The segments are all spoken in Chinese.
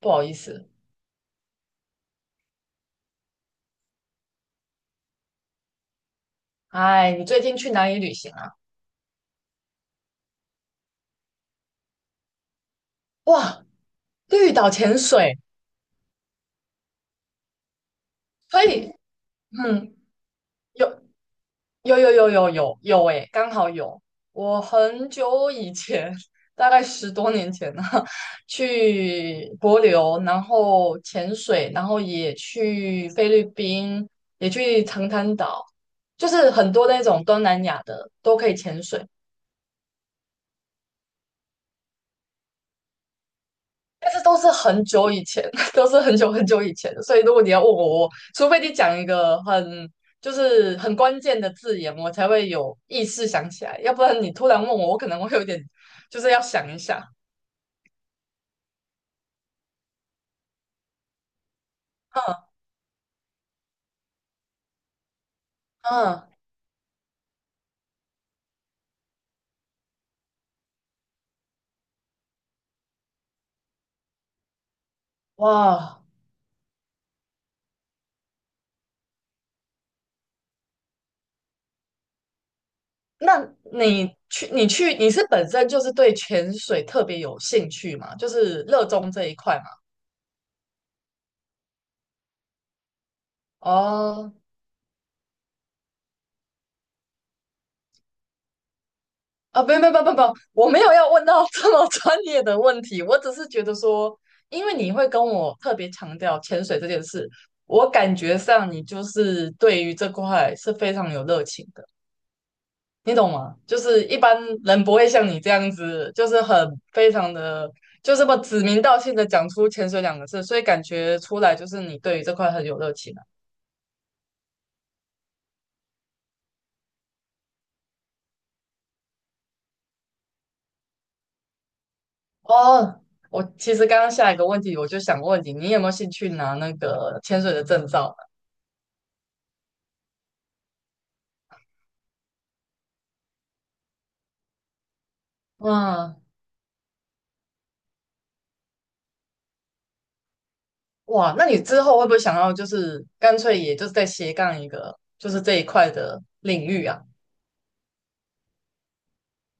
不好意思，哎，你最近去哪里旅行啊？哇，绿岛潜水。所以，嗯，有，哎，刚好有。我很久以前，大概十多年前呢，去帛琉，然后潜水，然后也去菲律宾，也去长滩岛，就是很多那种东南亚的都可以潜水。但是都是很久以前，都是很久以前的，所以如果你要问我，我除非你讲一个很，就是很关键的字眼，我才会有意识想起来，要不然你突然问我，我可能会有点，就是要想一下。嗯，嗯，哇，那你去你去你是本身就是对潜水特别有兴趣嘛？就是热衷这一块嘛？哦，啊，不，我没有要问到 这么专业的问题，我只是觉得说，因为你会跟我特别强调潜水这件事，我感觉上你就是对于这块是非常有热情的，你懂吗？就是一般人不会像你这样子，就是很非常的，就这么指名道姓的讲出潜水两个字，所以感觉出来就是你对于这块很有热情啊。哦，我其实刚刚下一个问题我就想问你，你有没有兴趣拿那个潜水的证照？嗯，哇，那你之后会不会想要就是干脆也就是再斜杠一个，就是这一块的领域啊？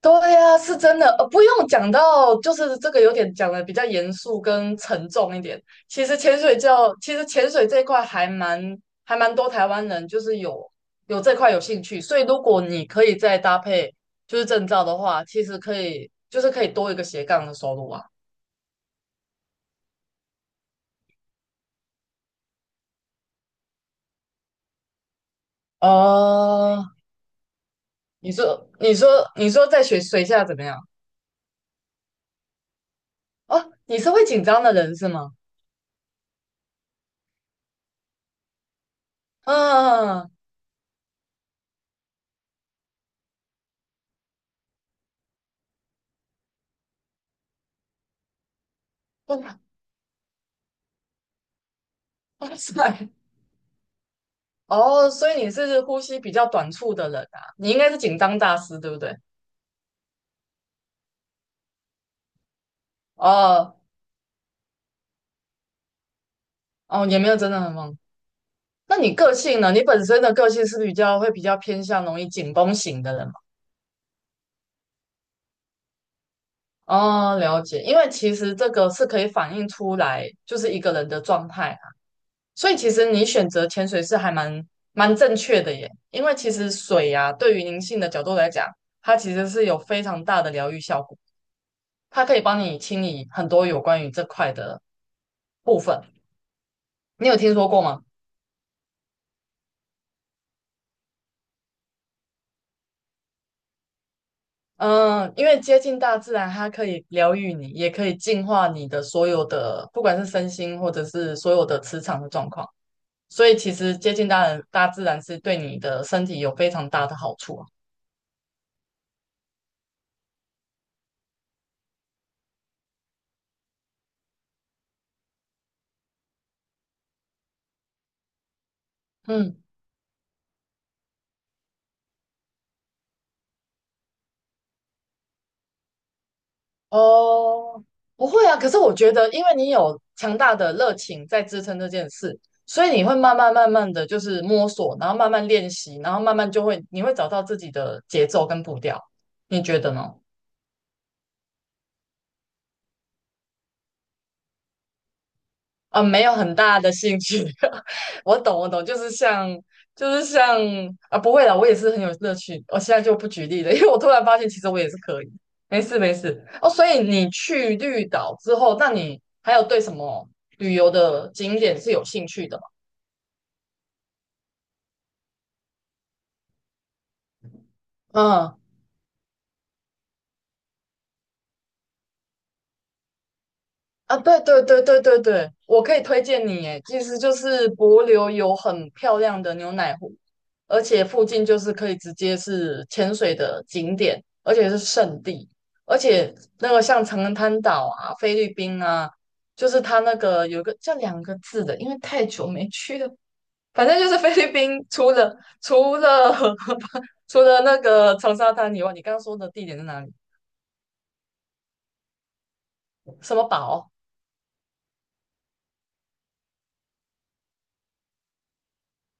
对呀，是真的，不用讲到就是这个有点讲的比较严肃跟沉重一点。其实潜水教，其实潜水这一块还蛮多台湾人就是有这块有兴趣，所以如果你可以再搭配就是证照的话，其实可以就是可以多一个斜杠的收入啊。哦，你说你说你说在水下怎么样？哦，你是会紧张的人是吗？嗯，哇哇塞。哦，所以你是呼吸比较短促的人啊，你应该是紧张大师，对不对？哦，哦，也没有真的很忙。那你个性呢？你本身的个性是比较会比较偏向容易紧绷型的人吗？哦，了解，因为其实这个是可以反映出来，就是一个人的状态。所以其实你选择潜水是还蛮正确的耶，因为其实水呀、对于灵性的角度来讲，它其实是有非常大的疗愈效果，它可以帮你清理很多有关于这块的部分。你有听说过吗？嗯，因为接近大自然，它可以疗愈你，也可以净化你的所有的，不管是身心或者是所有的磁场的状况。所以其实接近大自然是对你的身体有非常大的好处啊。嗯。哦，不会啊。可是我觉得，因为你有强大的热情在支撑这件事，所以你会慢慢的就是摸索，然后慢慢练习，然后慢慢就会，你会找到自己的节奏跟步调。你觉得呢？啊，没有很大的兴趣。我懂，我懂，就是像，就是像，啊，不会啦，我也是很有乐趣。我现在就不举例了，因为我突然发现，其实我也是可以。没事，没事。哦，所以你去绿岛之后，那你还有对什么旅游的景点是有兴趣的吗？嗯，啊，对，我可以推荐你，诶，其实就是帛琉有很漂亮的牛奶湖。而且附近就是可以直接是潜水的景点，而且是圣地，而且那个像长滩岛啊、菲律宾啊，就是它那个有个叫两个字的，因为太久没去了，反正就是菲律宾除了除了 除了那个长沙滩以外，你刚刚说的地点在哪里？什么堡。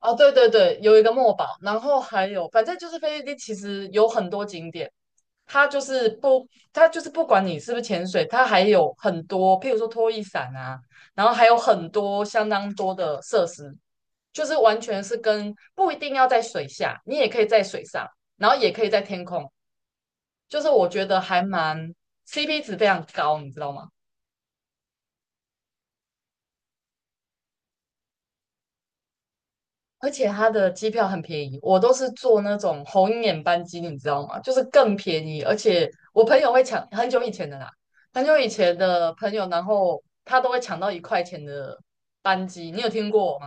哦，对对对，有一个墨宝，然后还有，反正就是菲律宾其实有很多景点。它就是不，它就是不管你是不是潜水，它还有很多，譬如说拖衣伞啊，然后还有很多相当多的设施，就是完全是跟不一定要在水下，你也可以在水上，然后也可以在天空，就是我觉得还蛮 CP 值非常高，你知道吗？而且它的机票很便宜，我都是坐那种红眼班机，你知道吗？就是更便宜，而且我朋友会抢，很久以前的啦，很久以前的朋友，然后他都会抢到一块钱的班机，你有听过吗？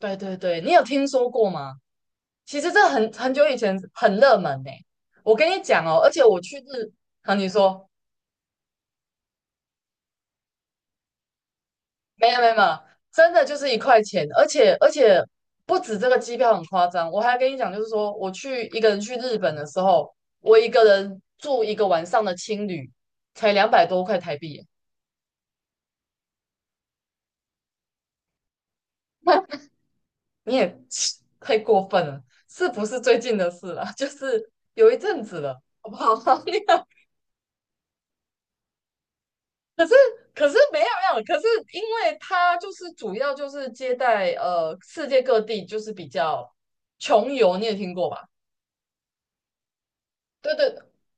对对对，你有听说过吗？其实这很久以前很热门呢、我跟你讲哦，而且我去日，好，你说。没有，真的就是一块钱，而且不止这个机票很夸张，我还跟你讲，就是说我去一个人去日本的时候，我一个人住一个晚上的青旅，才两百多块台币耶。你也 太过分了，是不是最近的事了？就是有一阵子了，好不好？那个可是没有，可是因为他就是主要就是接待世界各地就是比较穷游，你也听过吧？对对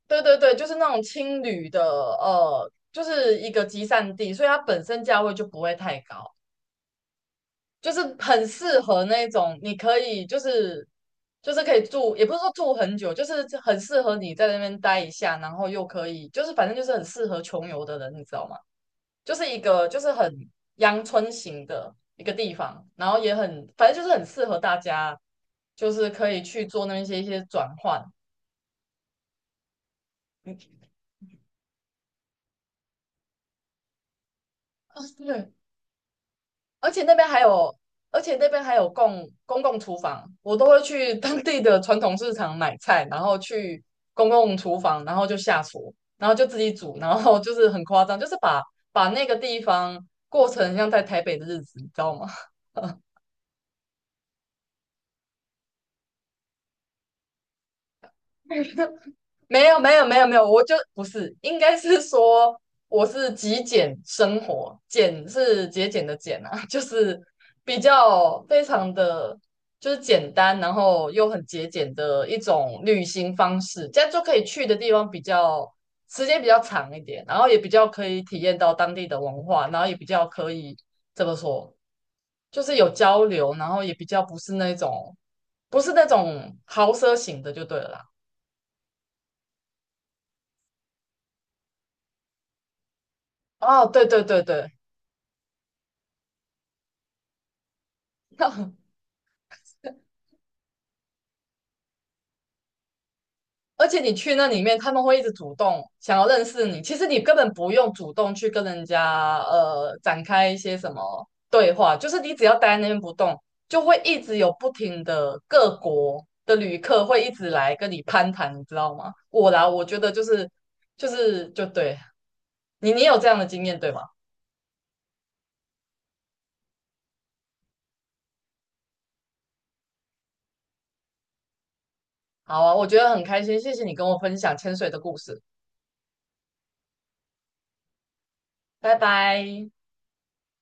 对，就是那种青旅的，就是一个集散地，所以它本身价位就不会太高，就是很适合那种你可以就是可以住，也不是说住很久，就是很适合你在那边待一下，然后又可以就是反正就是很适合穷游的人，你知道吗？就是一个就是很阳春型的一个地方，然后也很反正就是很适合大家，就是可以去做那些一些转换。嗯，而且那边还有，而且那边还有公共厨房，我都会去 当地的传统市场买菜，然后去公共厨房，然后就下厨，然后就自己煮，然后就是很夸张，就是把那个地方过成像在台北的日子，你知道吗？没有，我就不是，应该是说我是极简生活，简是节俭的简啊，就是比较非常的就是简单，然后又很节俭的一种旅行方式，这样就可以去的地方比较时间比较长一点，然后也比较可以体验到当地的文化，然后也比较可以怎么说，就是有交流，然后也比较不是那种豪奢型的就对了啦。哦，对对对对。那而且你去那里面，他们会一直主动想要认识你。其实你根本不用主动去跟人家展开一些什么对话，就是你只要待在那边不动，就会一直有不停的各国的旅客会一直来跟你攀谈，你知道吗？我啦，我觉得就是就对你，你有这样的经验对吗？好啊，我觉得很开心，谢谢你跟我分享潜水的故事，拜拜。